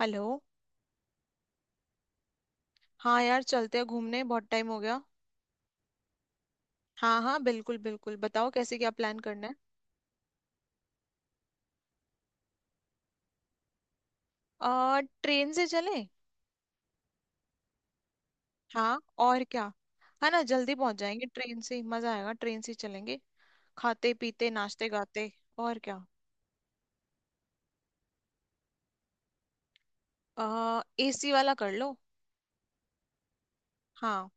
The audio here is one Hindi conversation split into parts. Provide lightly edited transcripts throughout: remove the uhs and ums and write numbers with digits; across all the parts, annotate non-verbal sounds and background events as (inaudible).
हेलो। हाँ यार, चलते हैं घूमने, बहुत टाइम हो गया। हाँ हाँ बिल्कुल बिल्कुल, बताओ कैसे क्या प्लान करना है। ट्रेन से चले। हाँ। और क्या। है ना, जल्दी पहुंच जाएंगे, ट्रेन से ही मजा आएगा, ट्रेन से ही चलेंगे। खाते पीते नाचते गाते। और क्या। एसी वाला कर लो। हाँ।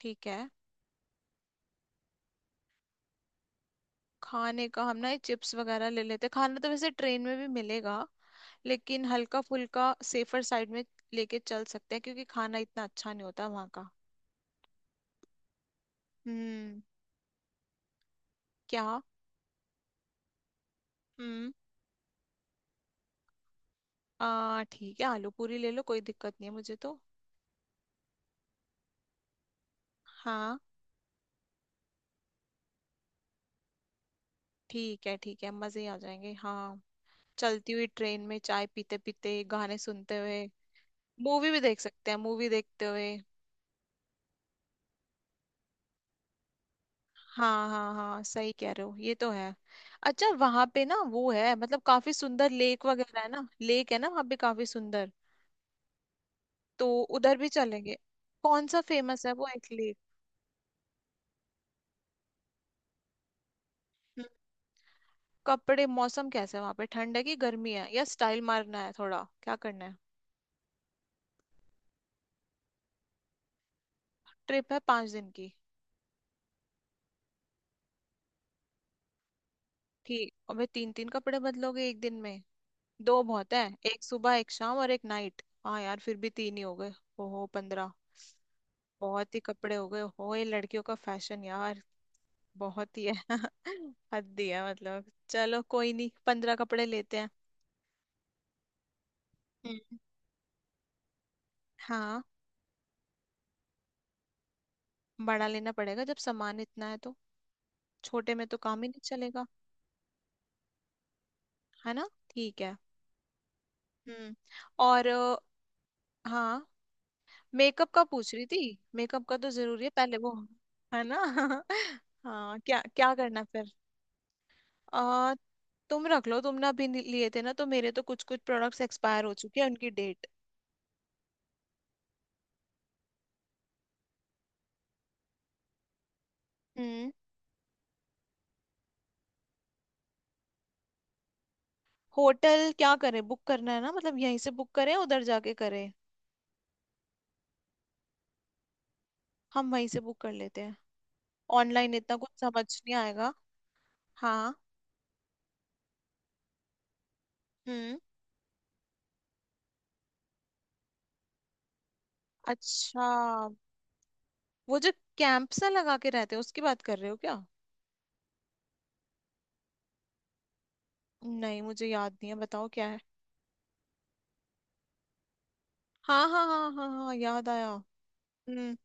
ठीक है। खाने का हम ना ये चिप्स वगैरह ले लेते हैं। खाना तो वैसे ट्रेन में भी मिलेगा, लेकिन हल्का फुल्का सेफर साइड में लेके चल सकते हैं, क्योंकि खाना इतना अच्छा नहीं होता वहाँ का। हम्म। क्या। हम्म। आ ठीक है, आलू पूरी ले लो, कोई दिक्कत नहीं है मुझे तो। हाँ। ठीक है ठीक है, मजे ही आ जाएंगे। हाँ। चलती हुई ट्रेन में चाय पीते पीते गाने सुनते हुए। मूवी भी देख सकते हैं, मूवी देखते हुए। हाँ हाँ हाँ सही कह रहे हो, ये तो है। अच्छा, वहां पे ना वो है, मतलब काफी सुंदर लेक वगैरह है ना, लेक है ना वहां पे काफी सुंदर। तो उधर भी चलेंगे। कौन सा फेमस है वो एक लेक। हम्म, कपड़े, मौसम कैसा है वहां पे, ठंड है कि गर्मी है, या स्टाइल मारना है थोड़ा, क्या करना है। ट्रिप है 5 दिन की। ठीक, अबे तीन तीन कपड़े बदलोगे एक दिन में। दो बहुत है, एक सुबह एक शाम और एक नाइट, हाँ यार फिर भी तीन ही हो गए। ओहो 15। बहुत ही कपड़े हो गए हो, ये लड़कियों का फैशन यार। बहुत ही है। (laughs) हद ही है, मतलब चलो कोई नहीं, 15 कपड़े लेते हैं। हम्म। हाँ। बड़ा लेना पड़ेगा, जब सामान इतना है तो छोटे में तो काम ही नहीं चलेगा। है ना ठीक है। हम्म और हाँ, मेकअप का पूछ रही थी, मेकअप का तो जरूरी है, पहले वो। है ना। (laughs) हाँ, क्या क्या करना फिर। आ, तुम रख लो, तुमने अभी लिए थे ना, तो मेरे तो कुछ कुछ प्रोडक्ट्स एक्सपायर हो चुके हैं उनकी डेट। हम्म। होटल क्या करें, बुक करना है ना, मतलब यहीं से बुक करें उधर जाके करें। हम वहीं से बुक कर लेते हैं, ऑनलाइन इतना कुछ समझ नहीं आएगा। हाँ। हम्म अच्छा, वो जो कैंप सा लगा के रहते हैं उसकी बात कर रहे हो क्या। नहीं मुझे याद नहीं है, बताओ क्या है। हाँ हाँ हाँ हाँ हाँ, याद आया। हम्म।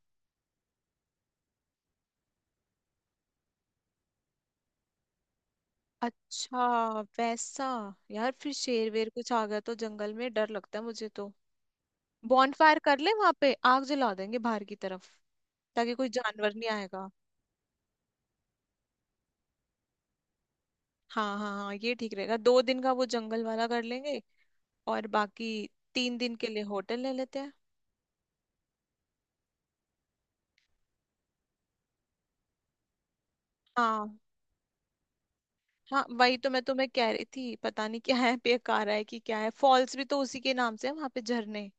अच्छा। वैसा। यार फिर शेर वेर कुछ आ गया तो जंगल में डर लगता है मुझे तो। बॉनफायर कर ले, वहां पे आग जला देंगे बाहर की तरफ, ताकि कोई जानवर नहीं आएगा। हाँ हाँ हाँ ये ठीक रहेगा, 2 दिन का वो जंगल वाला कर लेंगे। और बाकी 3 दिन के लिए होटल ले लेते हैं। हाँ। हाँ वही तो मैं तुम्हें कह रही थी, पता नहीं क्या है, बेकार है कि क्या है, फॉल्स भी तो उसी के नाम से है, वहां पे झरने।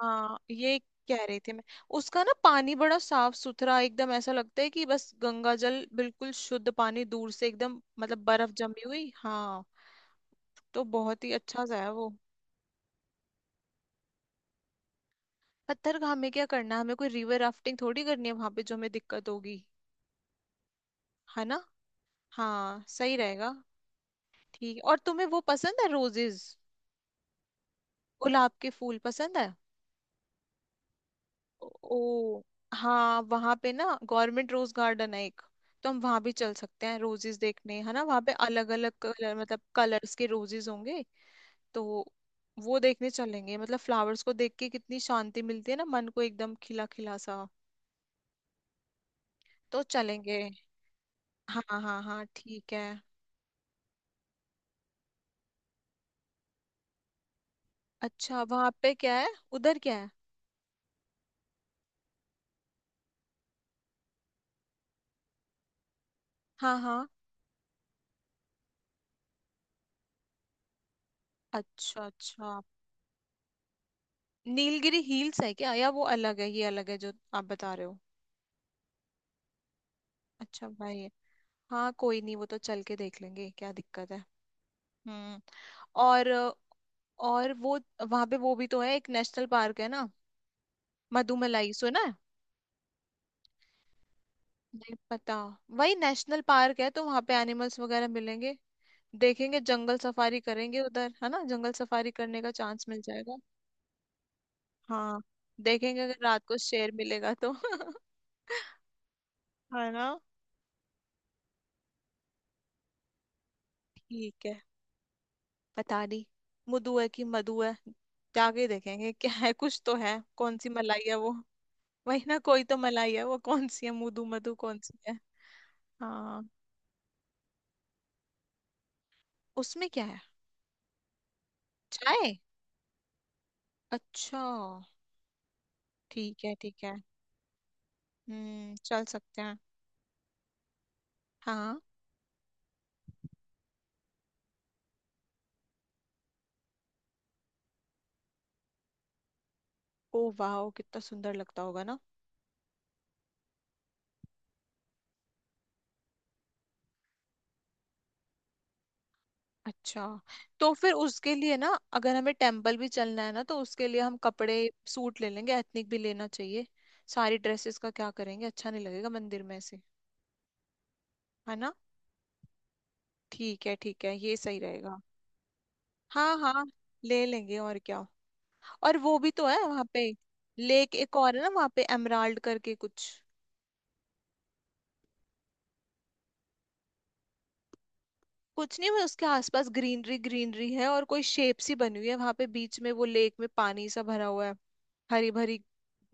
हाँ, ये कह रही थी मैं। उसका ना पानी बड़ा साफ सुथरा, एकदम ऐसा लगता है कि बस गंगा जल, बिल्कुल शुद्ध पानी, दूर से एकदम मतलब बर्फ जमी हुई। हाँ। तो बहुत ही अच्छा सा है वो। पत्थरगाह में क्या करना है हमें, कोई रिवर राफ्टिंग थोड़ी करनी है वहां पे, जो हमें दिक्कत होगी। है ना। हाँ सही रहेगा। ठीक, और तुम्हें वो पसंद है रोजेज। गुलाब के फूल पसंद है। ओ, हाँ वहां पे ना गवर्नमेंट रोज गार्डन है एक। तो हम वहां भी चल सकते हैं रोजेस देखने, है ना वहां पे अलग अलग कलर, मतलब कलर्स के रोजेस होंगे। तो वो देखने चलेंगे, मतलब फ्लावर्स को देख के कितनी शांति मिलती है ना मन को, एकदम खिला खिला सा। तो चलेंगे। हाँ हाँ हाँ ठीक है। अच्छा वहां पे क्या है। उधर क्या है। हाँ हाँ। अच्छा अच्छा। नीलगिरी हिल्स है क्या, या वो अलग है ये अलग है जो आप बता रहे हो। अच्छा भाई। हाँ कोई नहीं, वो तो चल के देख लेंगे, क्या दिक्कत है। हम्म और और वो, वहां पे वो भी तो है, एक नेशनल पार्क है ना, मधुमलाई सुना है। नहीं पता। वही नेशनल पार्क है, तो वहां पे एनिमल्स वगैरह मिलेंगे, देखेंगे। जंगल सफारी करेंगे उधर, है ना, जंगल सफारी करने का चांस मिल जाएगा। हाँ, देखेंगे अगर रात को शेर मिलेगा तो। (laughs) है ना। ठीक है। पता नहीं मुदु है कि मधु है, जाके देखेंगे क्या है, कुछ तो है, कौन सी मलाई है वो। वही ना कोई तो मलाई है वो, कौन सी है मुदू मधु कौन सी है। हाँ। उसमें क्या है। चाय। अच्छा, ठीक है ठीक है। चल सकते हैं। हाँ। ओ वाह, कितना सुंदर लगता होगा ना। अच्छा। तो फिर उसके लिए ना, अगर हमें टेम्पल भी चलना है ना, तो उसके लिए हम कपड़े, सूट ले लेंगे, एथनिक भी लेना चाहिए, सारी ड्रेसेस का क्या करेंगे, अच्छा नहीं लगेगा मंदिर में ऐसे। है ना। ठीक है ठीक है, ये सही रहेगा। हाँ हाँ, ले लेंगे, और क्या। और वो भी तो है वहां पे, लेक एक और है ना वहां पे, एमराल्ड करके कुछ। कुछ नहीं, मैं उसके आसपास ग्रीनरी ग्रीनरी है, और कोई शेप सी बनी हुई है वहां पे बीच में, वो लेक में पानी सा भरा हुआ है, हरी भरी,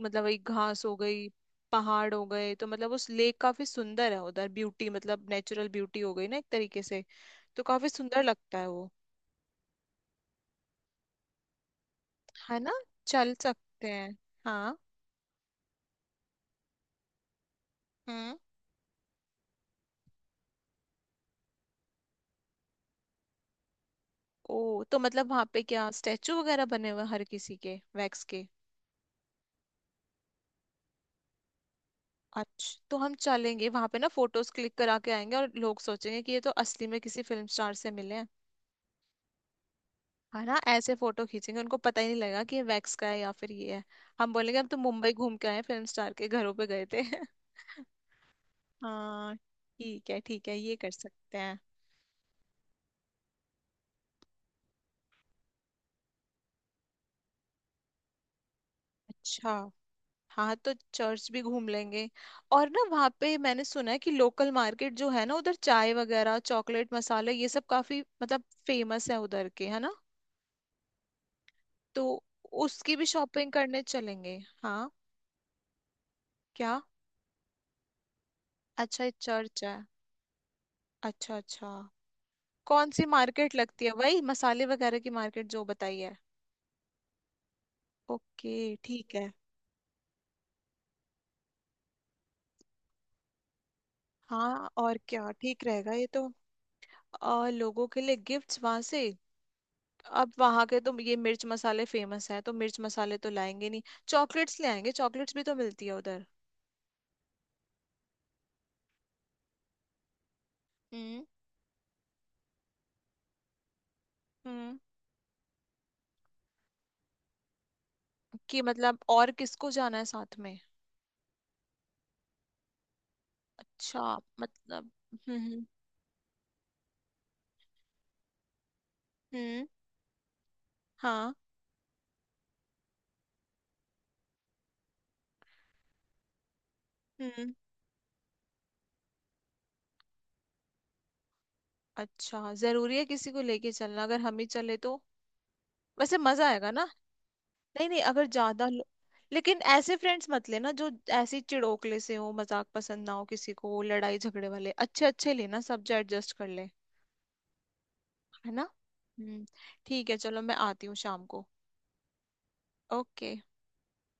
मतलब वही घास हो गई, पहाड़ हो गए, तो मतलब उस लेक काफी सुंदर है उधर, ब्यूटी, मतलब नेचुरल ब्यूटी हो गई ना एक तरीके से, तो काफी सुंदर लगता है वो। है ना। चल सकते हैं। हाँ। हम्म ओ, तो मतलब वहां पे क्या स्टैचू वगैरह बने हुए हैं हर किसी के वैक्स के। अच्छा, तो हम चलेंगे वहां पे ना, फोटोज क्लिक करा के आएंगे, और लोग सोचेंगे कि ये तो असली में किसी फिल्म स्टार से मिले हैं। है ना, ऐसे फोटो खींचेंगे, उनको पता ही नहीं लगेगा कि ये वैक्स का है या फिर ये है। हम बोलेंगे हम तो मुंबई घूम के आए हैं, फिल्म स्टार के घरों पे गए थे। (laughs) हाँ ठीक है ठीक है, ये कर सकते हैं। अच्छा। हाँ, तो चर्च भी घूम लेंगे। और ना वहाँ पे मैंने सुना है कि लोकल मार्केट जो है ना उधर, चाय वगैरह, चॉकलेट, मसाले, ये सब काफी मतलब फेमस है उधर के, है ना। तो उसकी भी शॉपिंग करने चलेंगे। हाँ। क्या। अच्छा ये चर्च है। अच्छा अच्छा। कौन सी मार्केट लगती है, वही मसाले वगैरह की मार्केट जो बताई है। ओके। ठीक है। हाँ और क्या, ठीक रहेगा ये तो। लोगों के लिए गिफ्ट्स वहां से। अब वहां के तो ये मिर्च मसाले फेमस हैं, तो मिर्च मसाले तो लाएंगे नहीं, चॉकलेट्स ले आएंगे, चॉकलेट्स भी तो मिलती है उधर। हम्म। हम्म। कि मतलब और किसको जाना है साथ में। अच्छा। मतलब। हम्म। हम्म। हाँ। हम्म। अच्छा, जरूरी है किसी को लेके चलना, अगर हम ही चले तो वैसे मजा आएगा ना। नहीं नहीं, अगर ज्यादा लेकिन ऐसे फ्रेंड्स मत लेना जो ऐसे ही चिड़ोकले से हो, मजाक पसंद ना हो किसी को, लड़ाई झगड़े वाले, अच्छे अच्छे लेना सब जो एडजस्ट कर ले। है ना। हम्म। ठीक है चलो, मैं आती हूँ शाम को। ओके।